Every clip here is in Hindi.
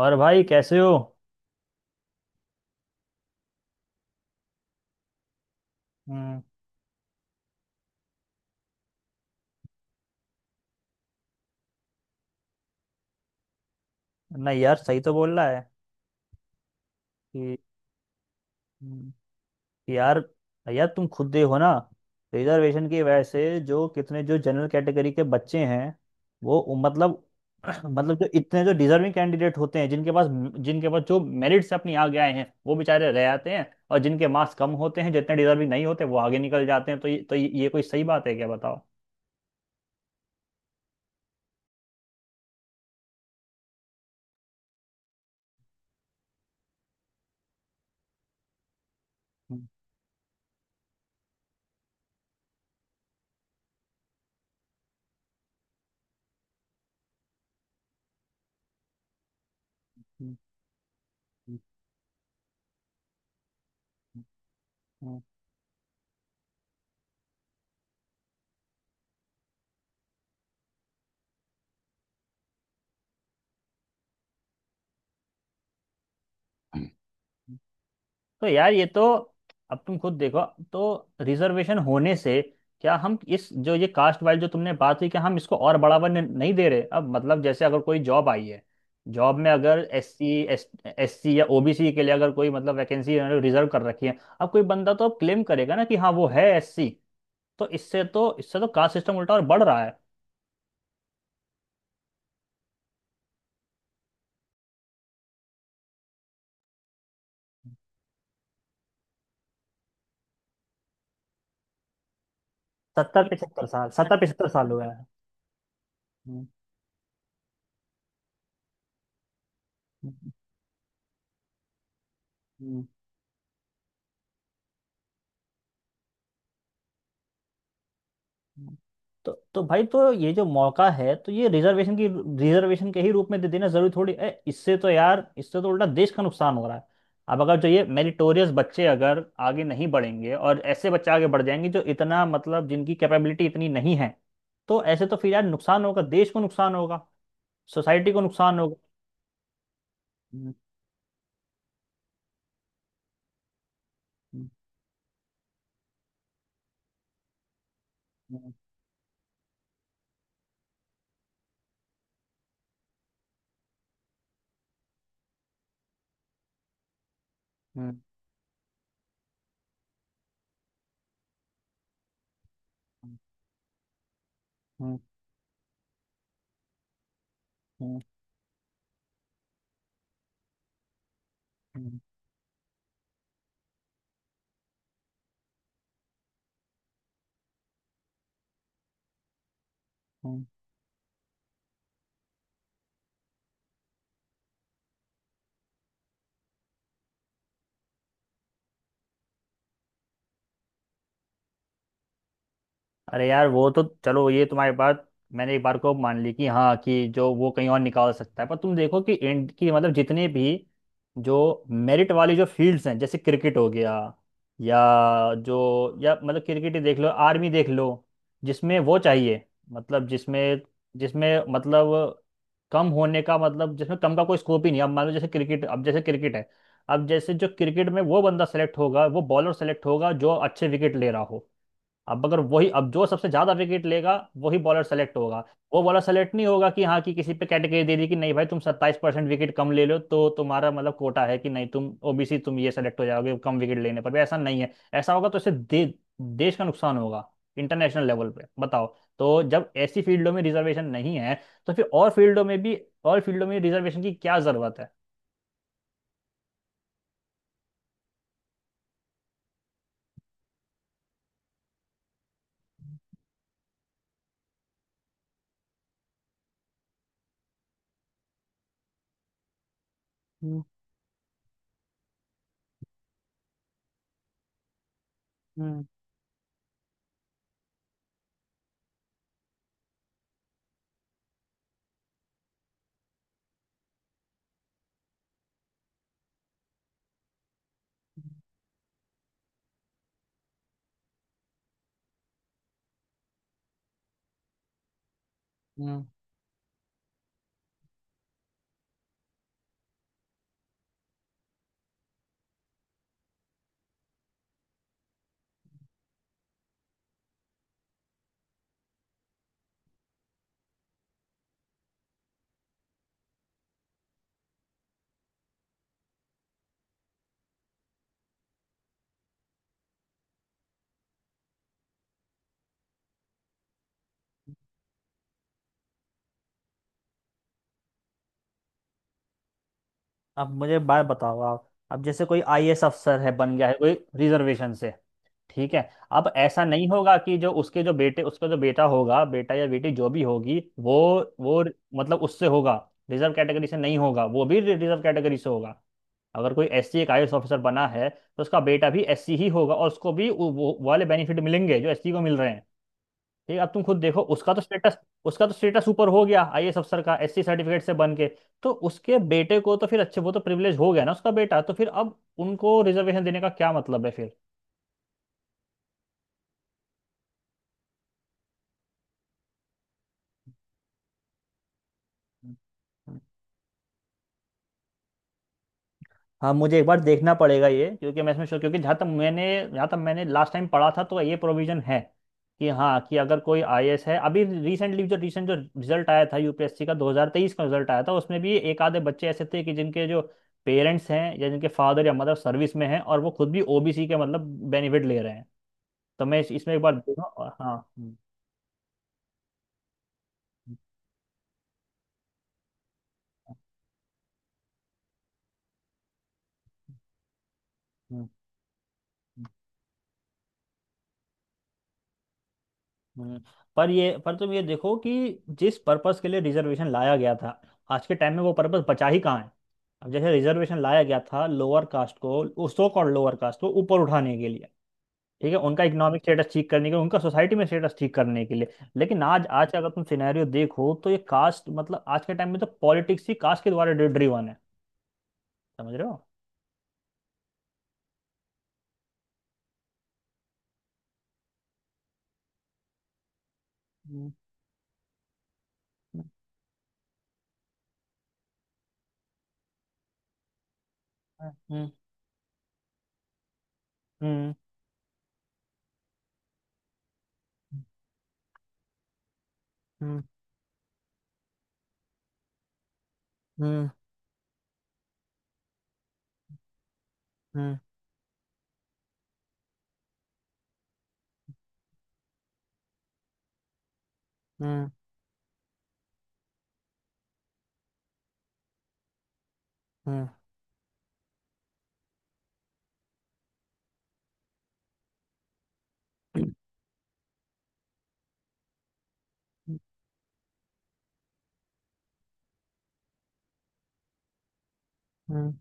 और भाई कैसे हो। हम्म। नहीं यार, सही तो बोल रहा है कि हम्म, यार, यार तुम खुद देखो ना। रिजर्वेशन की वजह से जो कितने जो जनरल कैटेगरी के बच्चे हैं, वो मतलब मतलब जो इतने जो डिजर्विंग कैंडिडेट होते हैं जिनके पास जो मेरिट से अपनी आगे आए हैं वो बेचारे रह जाते हैं। और जिनके मार्क्स कम होते हैं, जितने डिजर्विंग नहीं होते वो आगे निकल जाते हैं। तो ये कोई सही बात है क्या, बताओ। हम्म, हम्म, हम्म, हम्म, हम्म। तो यार, ये तो अब तुम खुद देखो, तो रिजर्वेशन होने से क्या हम इस जो ये कास्ट वाइज जो तुमने बात हुई, क्या हम इसको और बढ़ावा नहीं दे रहे। अब मतलब जैसे अगर कोई जॉब आई है, जॉब में अगर एस एस सी या ओबीसी के लिए अगर कोई मतलब वैकेंसी रिजर्व कर रखी है, अब कोई बंदा तो अब क्लेम करेगा ना कि हाँ वो है एस सी। तो इससे तो कास्ट सिस्टम उल्टा और बढ़ रहा है। सत्तर पिछहत्तर साल हुआ है। हम्म, हम्म, हम्म। हम्म। तो भाई ये जो मौका है तो ये रिजर्वेशन के ही रूप में दे देना जरूरी थोड़ी है। इससे तो यार, इससे तो उल्टा देश का नुकसान हो रहा है। अब अगर जो ये मेरिटोरियस बच्चे अगर आगे नहीं बढ़ेंगे और ऐसे बच्चे आगे बढ़ जाएंगे जो इतना मतलब जिनकी कैपेबिलिटी इतनी नहीं है, तो ऐसे तो फिर यार नुकसान होगा, देश को नुकसान होगा, सोसाइटी को नुकसान होगा। हम्म, हम्म, हम्म, हम्म, हम्म, हम्म, हम्म, हम्म, अरे यार वो तो चलो, ये तुम्हारी बात मैंने एक बार को मान ली कि हाँ कि जो वो कहीं और निकाल सकता है। पर तुम देखो कि इंड की मतलब जितने भी जो मेरिट वाली जो फील्ड्स हैं, जैसे क्रिकेट हो गया, या जो या मतलब क्रिकेट ही देख लो, आर्मी देख लो, जिसमें वो चाहिए, मतलब जिसमें जिसमें मतलब कम होने का मतलब, जिसमें कम का कोई स्कोप ही नहीं। अब मान लो जैसे क्रिकेट, अब जैसे क्रिकेट है, अब जैसे जो क्रिकेट में वो बंदा सेलेक्ट होगा, वो बॉलर सेलेक्ट होगा जो अच्छे विकेट ले रहा हो। अब अगर वही, अब जो सबसे ज्यादा विकेट लेगा वही बॉलर सेलेक्ट होगा। वो बॉलर सेलेक्ट नहीं होगा कि हाँ कि किसी पे कैटेगरी दे दी कि नहीं भाई तुम सत्ताईस परसेंट विकेट कम ले लो तो तुम्हारा मतलब कोटा है, कि नहीं तुम ओबीसी, तुम ये सेलेक्ट हो जाओगे कम विकेट लेने पर भी, ऐसा नहीं है। ऐसा होगा तो इससे देश का नुकसान होगा, इंटरनेशनल लेवल पे, बताओ। तो जब ऐसी फील्डों में रिजर्वेशन नहीं है तो फिर और फील्डों में भी, और फील्डों में रिजर्वेशन की क्या जरूरत है। हम्म, हम्म, हम्म। अब मुझे बात बताओ आप, अब जैसे कोई आईएएस अफसर है, बन गया है कोई रिजर्वेशन से, ठीक है। अब ऐसा नहीं होगा कि जो उसके जो बेटे, उसका जो बेटा होगा, बेटा या बेटी जो भी होगी वो मतलब उससे होगा, रिजर्व कैटेगरी से नहीं होगा, वो भी रिजर्व कैटेगरी से होगा। अगर कोई एससी एक आईएएस ऑफिसर बना है तो उसका बेटा भी एससी ही होगा, और उसको भी वो वाले बेनिफिट मिलेंगे जो एससी को मिल रहे हैं। ठीक है, अब तुम खुद देखो, उसका तो स्टेटस ऊपर हो गया, आईएएस अफसर का, एससी सर्टिफिकेट से बन के। तो उसके बेटे को तो फिर अच्छे, वो तो प्रिविलेज हो गया ना, उसका बेटा, तो फिर अब उनको रिजर्वेशन देने का क्या मतलब है। फिर हाँ, मुझे एक बार देखना पड़ेगा ये, क्योंकि मैं इसमें क्योंकि जहाँ तक मैंने लास्ट टाइम पढ़ा था तो ये प्रोविजन है कि हाँ कि अगर कोई आईएएस है। अभी रिसेंटली जो रिजल्ट आया था, यूपीएससी का 2023 का रिजल्ट आया था, उसमें भी एक आधे बच्चे ऐसे थे कि जिनके जो पेरेंट्स हैं या जिनके फादर या मदर सर्विस में हैं और वो खुद भी ओबीसी के मतलब बेनिफिट ले रहे हैं। तो मैं इसमें एक बार देखूँ। हाँ, हम्म, हम्म, हम्म। पर तुम ये देखो कि जिस पर्पस के लिए रिजर्वेशन लाया गया था, आज के टाइम में वो पर्पस बचा ही कहाँ है। अब जैसे रिजर्वेशन लाया गया था लोअर कास्ट को, सो कॉल्ड लोअर कास्ट को ऊपर उठाने के लिए, ठीक है, उनका इकोनॉमिक स्टेटस ठीक करने के लिए, उनका सोसाइटी में स्टेटस ठीक करने के लिए। लेकिन आज आज का अगर तुम सिनेरियो देखो तो ये कास्ट मतलब, आज के टाइम में तो पॉलिटिक्स ही कास्ट के द्वारा ड्रिवन है। समझ रहे हो। हम्म, हम्म, हम्म, हम्म, हम्म, हम्म, हम्म, हम्म, हम्म, हम्म,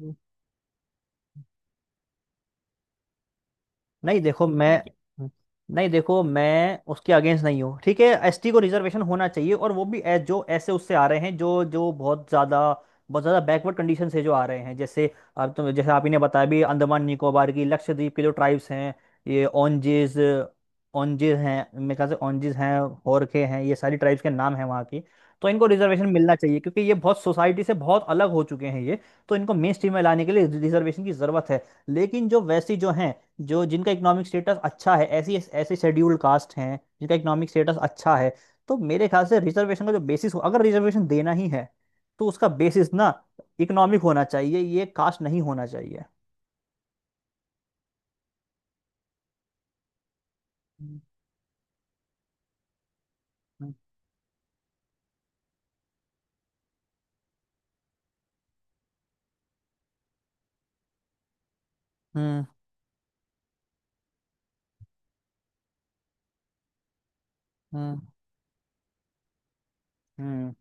हम्म, नहीं देखो मैं नहीं देखो मैं उसके अगेंस्ट नहीं हूँ। ठीक है, एसटी को रिजर्वेशन होना चाहिए, और वो भी जो ऐसे उससे आ रहे हैं, जो जो बहुत ज़्यादा बैकवर्ड कंडीशन से जो आ रहे हैं। जैसे आप तो, जैसे आप ही ने बताया भी, अंडमान निकोबार की, लक्षद्वीप के जो ट्राइब्स हैं, ये ओंजेज, ओंजेज हैं मेरे ख्याल से, ओंजेज हैं, होरखे हैं, ये सारी ट्राइब्स के नाम हैं वहाँ की। तो इनको रिजर्वेशन मिलना चाहिए क्योंकि ये बहुत सोसाइटी से बहुत अलग हो चुके हैं ये। तो इनको मेन स्ट्रीम में लाने के लिए रिजर्वेशन की ज़रूरत है। लेकिन जो वैसी जो हैं, जो जिनका इकोनॉमिक स्टेटस अच्छा है, ऐसी ऐसे शेड्यूल्ड कास्ट हैं जिनका इकोनॉमिक स्टेटस अच्छा है, तो मेरे ख्याल से रिजर्वेशन का जो बेसिस हो, अगर रिजर्वेशन देना ही है, तो उसका बेसिस ना इकोनॉमिक होना चाहिए, ये कास्ट नहीं होना चाहिए। हम्म, हम्म, हम्म, हम्म,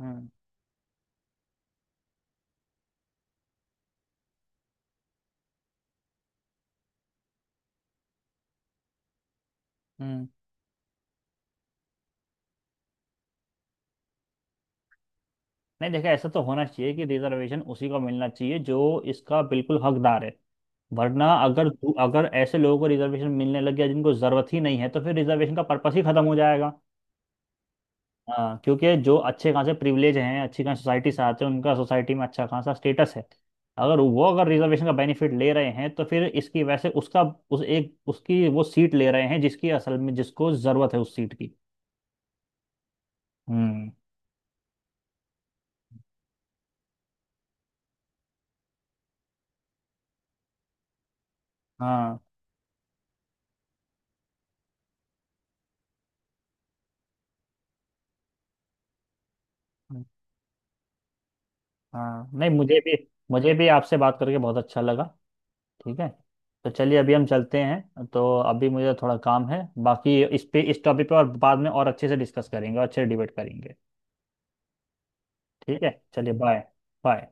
हम्म, हम्म। नहीं देखा, ऐसा तो होना चाहिए कि रिजर्वेशन उसी को मिलना चाहिए जो इसका बिल्कुल हकदार है। वरना अगर अगर ऐसे लोगों को रिजर्वेशन मिलने लग गया जिनको ज़रूरत ही नहीं है, तो फिर रिजर्वेशन का पर्पस ही खत्म हो जाएगा। हाँ, क्योंकि जो अच्छे खासे प्रिविलेज हैं, अच्छी खासी सोसाइटी से आते हैं, उनका सोसाइटी में अच्छा खासा स्टेटस है। अगर वो, अगर रिजर्वेशन का बेनिफिट ले रहे हैं तो फिर इसकी वजह से उसका उस एक उसकी वो सीट ले रहे हैं जिसकी असल में, जिसको ज़रूरत है उस सीट की। हम्म, हाँ, हम्म, हाँ, नहीं मुझे भी मुझे भी आपसे बात करके बहुत अच्छा लगा। ठीक है, तो चलिए अभी हम चलते हैं, तो अभी मुझे थोड़ा काम है। बाकी इस पे, इस टॉपिक पर और बाद में और अच्छे से डिस्कस करेंगे और अच्छे से डिबेट करेंगे। ठीक है, चलिए बाय। बाय।